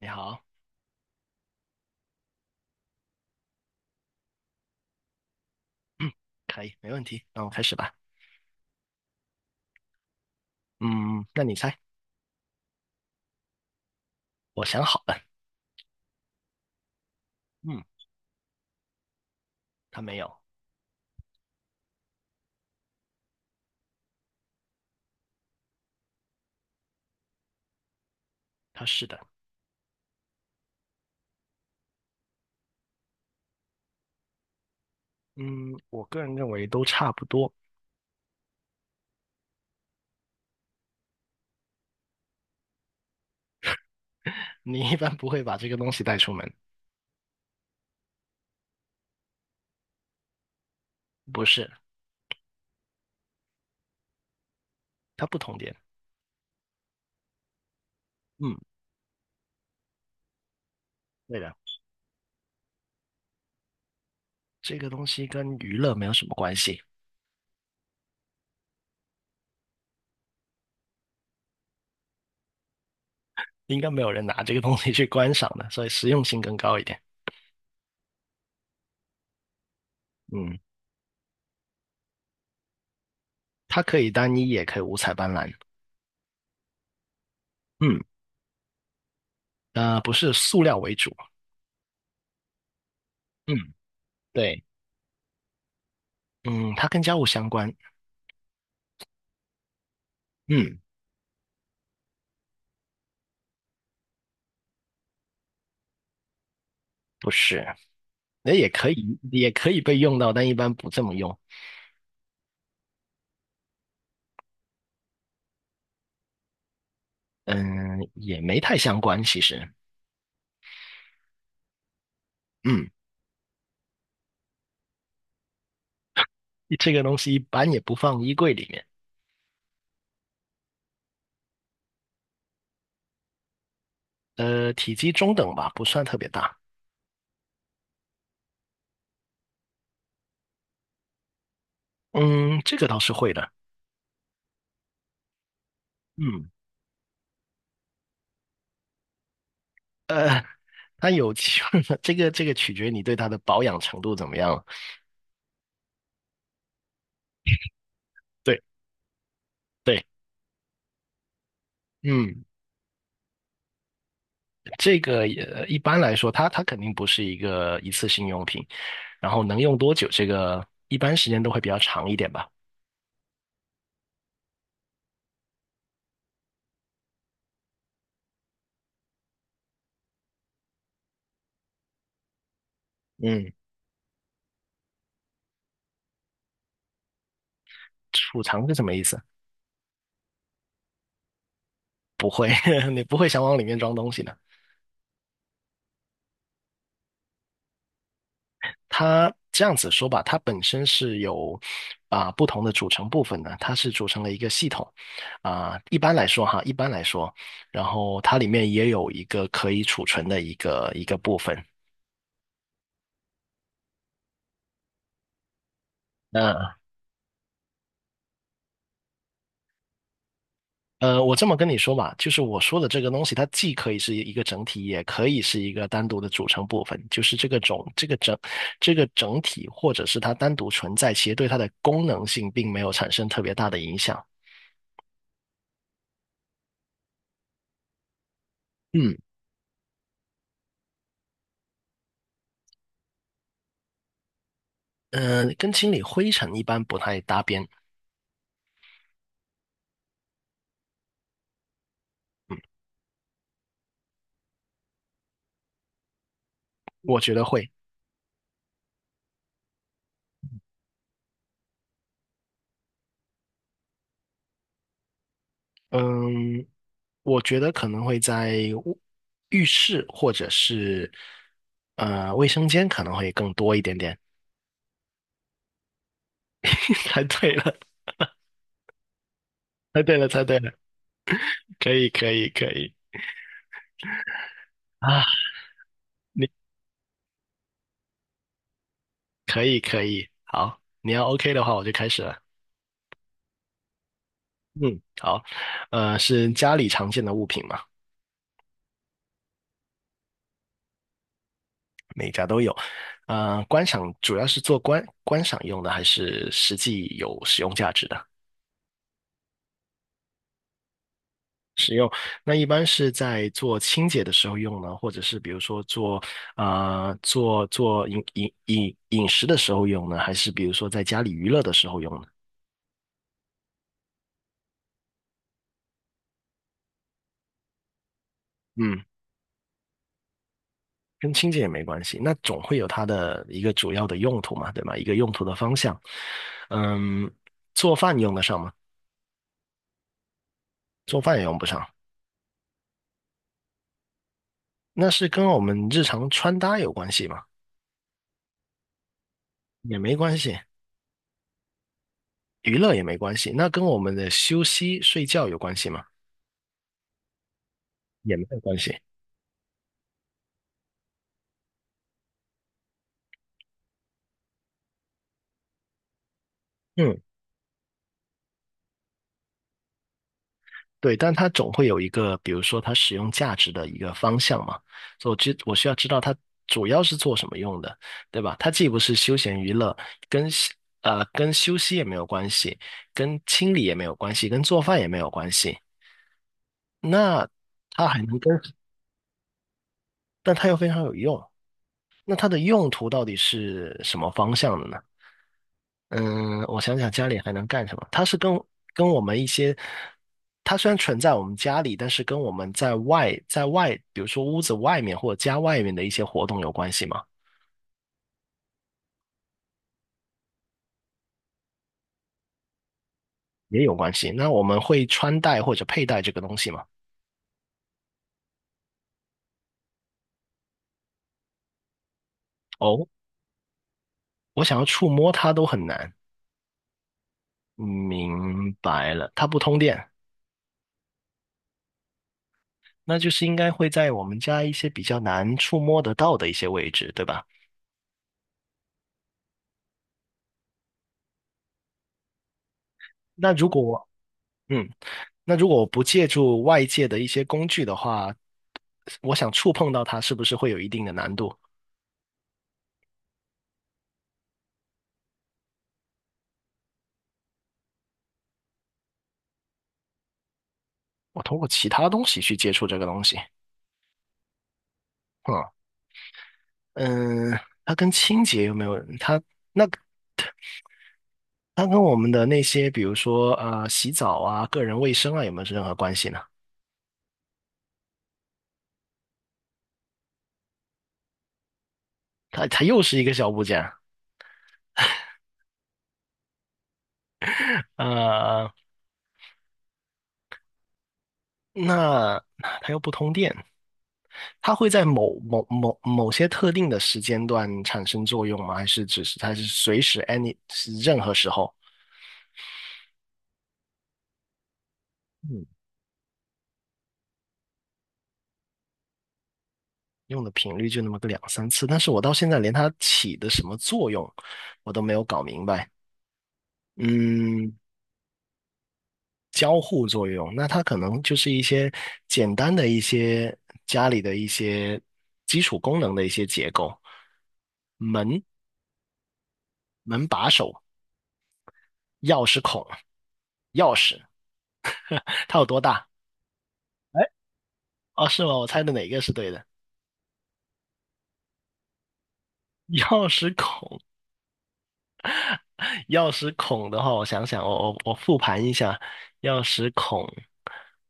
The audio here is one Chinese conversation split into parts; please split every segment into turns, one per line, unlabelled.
你好，嗯，可以，没问题，那我们开始吧。嗯，那你猜，我想好了。嗯，他没有，他是的。嗯，我个人认为都差不多。你一般不会把这个东西带出门，不是，它不同点。嗯，对的，这个东西跟娱乐没有什么关系，应该没有人拿这个东西去观赏的，所以实用性更高一点。嗯，它可以单一，也可以五彩斑斓。嗯，不是塑料为主。嗯，对，嗯，它跟家务相关。嗯，不是。那也可以，也可以被用到，但一般不这么用。嗯，也没太相关，其实。嗯，这个东西一般也不放衣柜里面。体积中等吧，不算特别大。嗯，这个倒是会的。嗯，呃，它有 这个取决你对它的保养程度怎么样了。对对，嗯，这个也一般来说，它肯定不是一个一次性用品，然后能用多久，这个一般时间都会比较长一点吧。嗯，储藏是什么意思？不会，你不会想往里面装东西的。它这样子说吧，它本身是有啊、不同的组成部分的，它是组成了一个系统啊、一般来说哈，一般来说，然后它里面也有一个可以储存的一个部分。那我这么跟你说吧，就是我说的这个东西，它既可以是一个整体，也可以是一个单独的组成部分。就是这个种这个整这个整体，或者是它单独存在，其实对它的功能性并没有产生特别大的影响。嗯。嗯、跟清理灰尘一般不太搭边，我觉得会。嗯，我觉得可能会在卧浴室或者是卫生间可能会更多一点点。猜对了，猜对了，猜对了，可以，可以，可以啊，可以，可以。好，你要 OK 的话，我就开始了。嗯，好，是家里常见的物品嘛，每家都有。观赏主要是做观赏用的，还是实际有使用价值的？那一般是在做清洁的时候用呢，或者是比如说做啊、做做饮饮饮饮食的时候用呢，还是比如说在家里娱乐的时候用呢？嗯，跟清洁也没关系，那总会有它的一个主要的用途嘛，对吧？一个用途的方向。嗯，做饭用得上吗？做饭也用不上，那是跟我们日常穿搭有关系吗？也没关系，娱乐也没关系，那跟我们的休息睡觉有关系吗？也没有关系。嗯。对，但它总会有一个，比如说它使用价值的一个方向嘛，所以我需要知道它主要是做什么用的，对吧？它既不是休闲娱乐，跟休跟休息也没有关系，跟清理也没有关系，跟做饭也没有关系。那它还能跟，但它又非常有用。那它的用途到底是什么方向的呢？嗯，我想想家里还能干什么？它是跟跟我们一些，它虽然存在我们家里，但是跟我们在外，比如说屋子外面或者家外面的一些活动有关系吗？也有关系。那我们会穿戴或者佩戴这个东西吗？哦，我想要触摸它都很难。明白了，它不通电，那就是应该会在我们家一些比较难触摸得到的一些位置，对吧？那如果，嗯。那如果我不借助外界的一些工具的话，我想触碰到它，是不是会有一定的难度？我通过其他东西去接触这个东西，啊，嗯，它跟清洁有没有？那它跟我们的那些，比如说洗澡啊、个人卫生啊，有没有任何关系呢？它又是一个小部件，呃，那它又不通电，它会在某些特定的时间段产生作用吗？还是只是它是随时 any 是任何时候？嗯，用的频率就那么个两三次，但是我到现在连它起的什么作用，我都没有搞明白。嗯，交互作用，那它可能就是一些简单的一些家里的一些基础功能的一些结构，门、门把手、钥匙孔、钥匙，它有多大？哦，是吗？我猜的哪个是对的？钥匙孔，钥匙孔的话，我想想，我复盘一下，钥匙孔。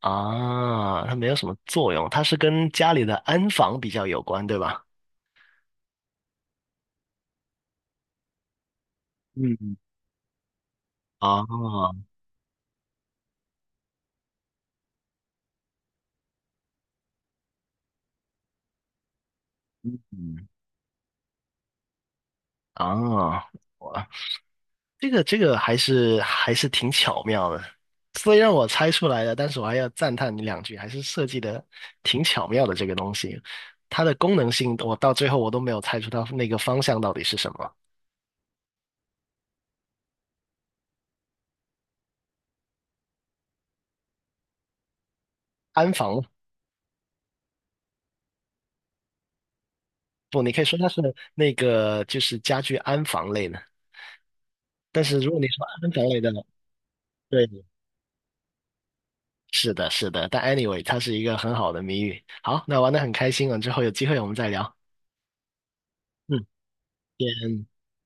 啊，它没有什么作用，它是跟家里的安防比较有关，对吧？嗯，啊哦，哇，这个还是挺巧妙的，虽然我猜出来了，但是我还要赞叹你两句，还是设计的挺巧妙的这个东西，它的功能性我到最后都没有猜出它那个方向到底是什么，安防不，你可以说它是那个就是家居安防类的，但是如果你说安防类的，对是的，是的，但 anyway,它是一个很好的谜语。好，那玩的很开心了，之后有机会我们再聊。嗯，先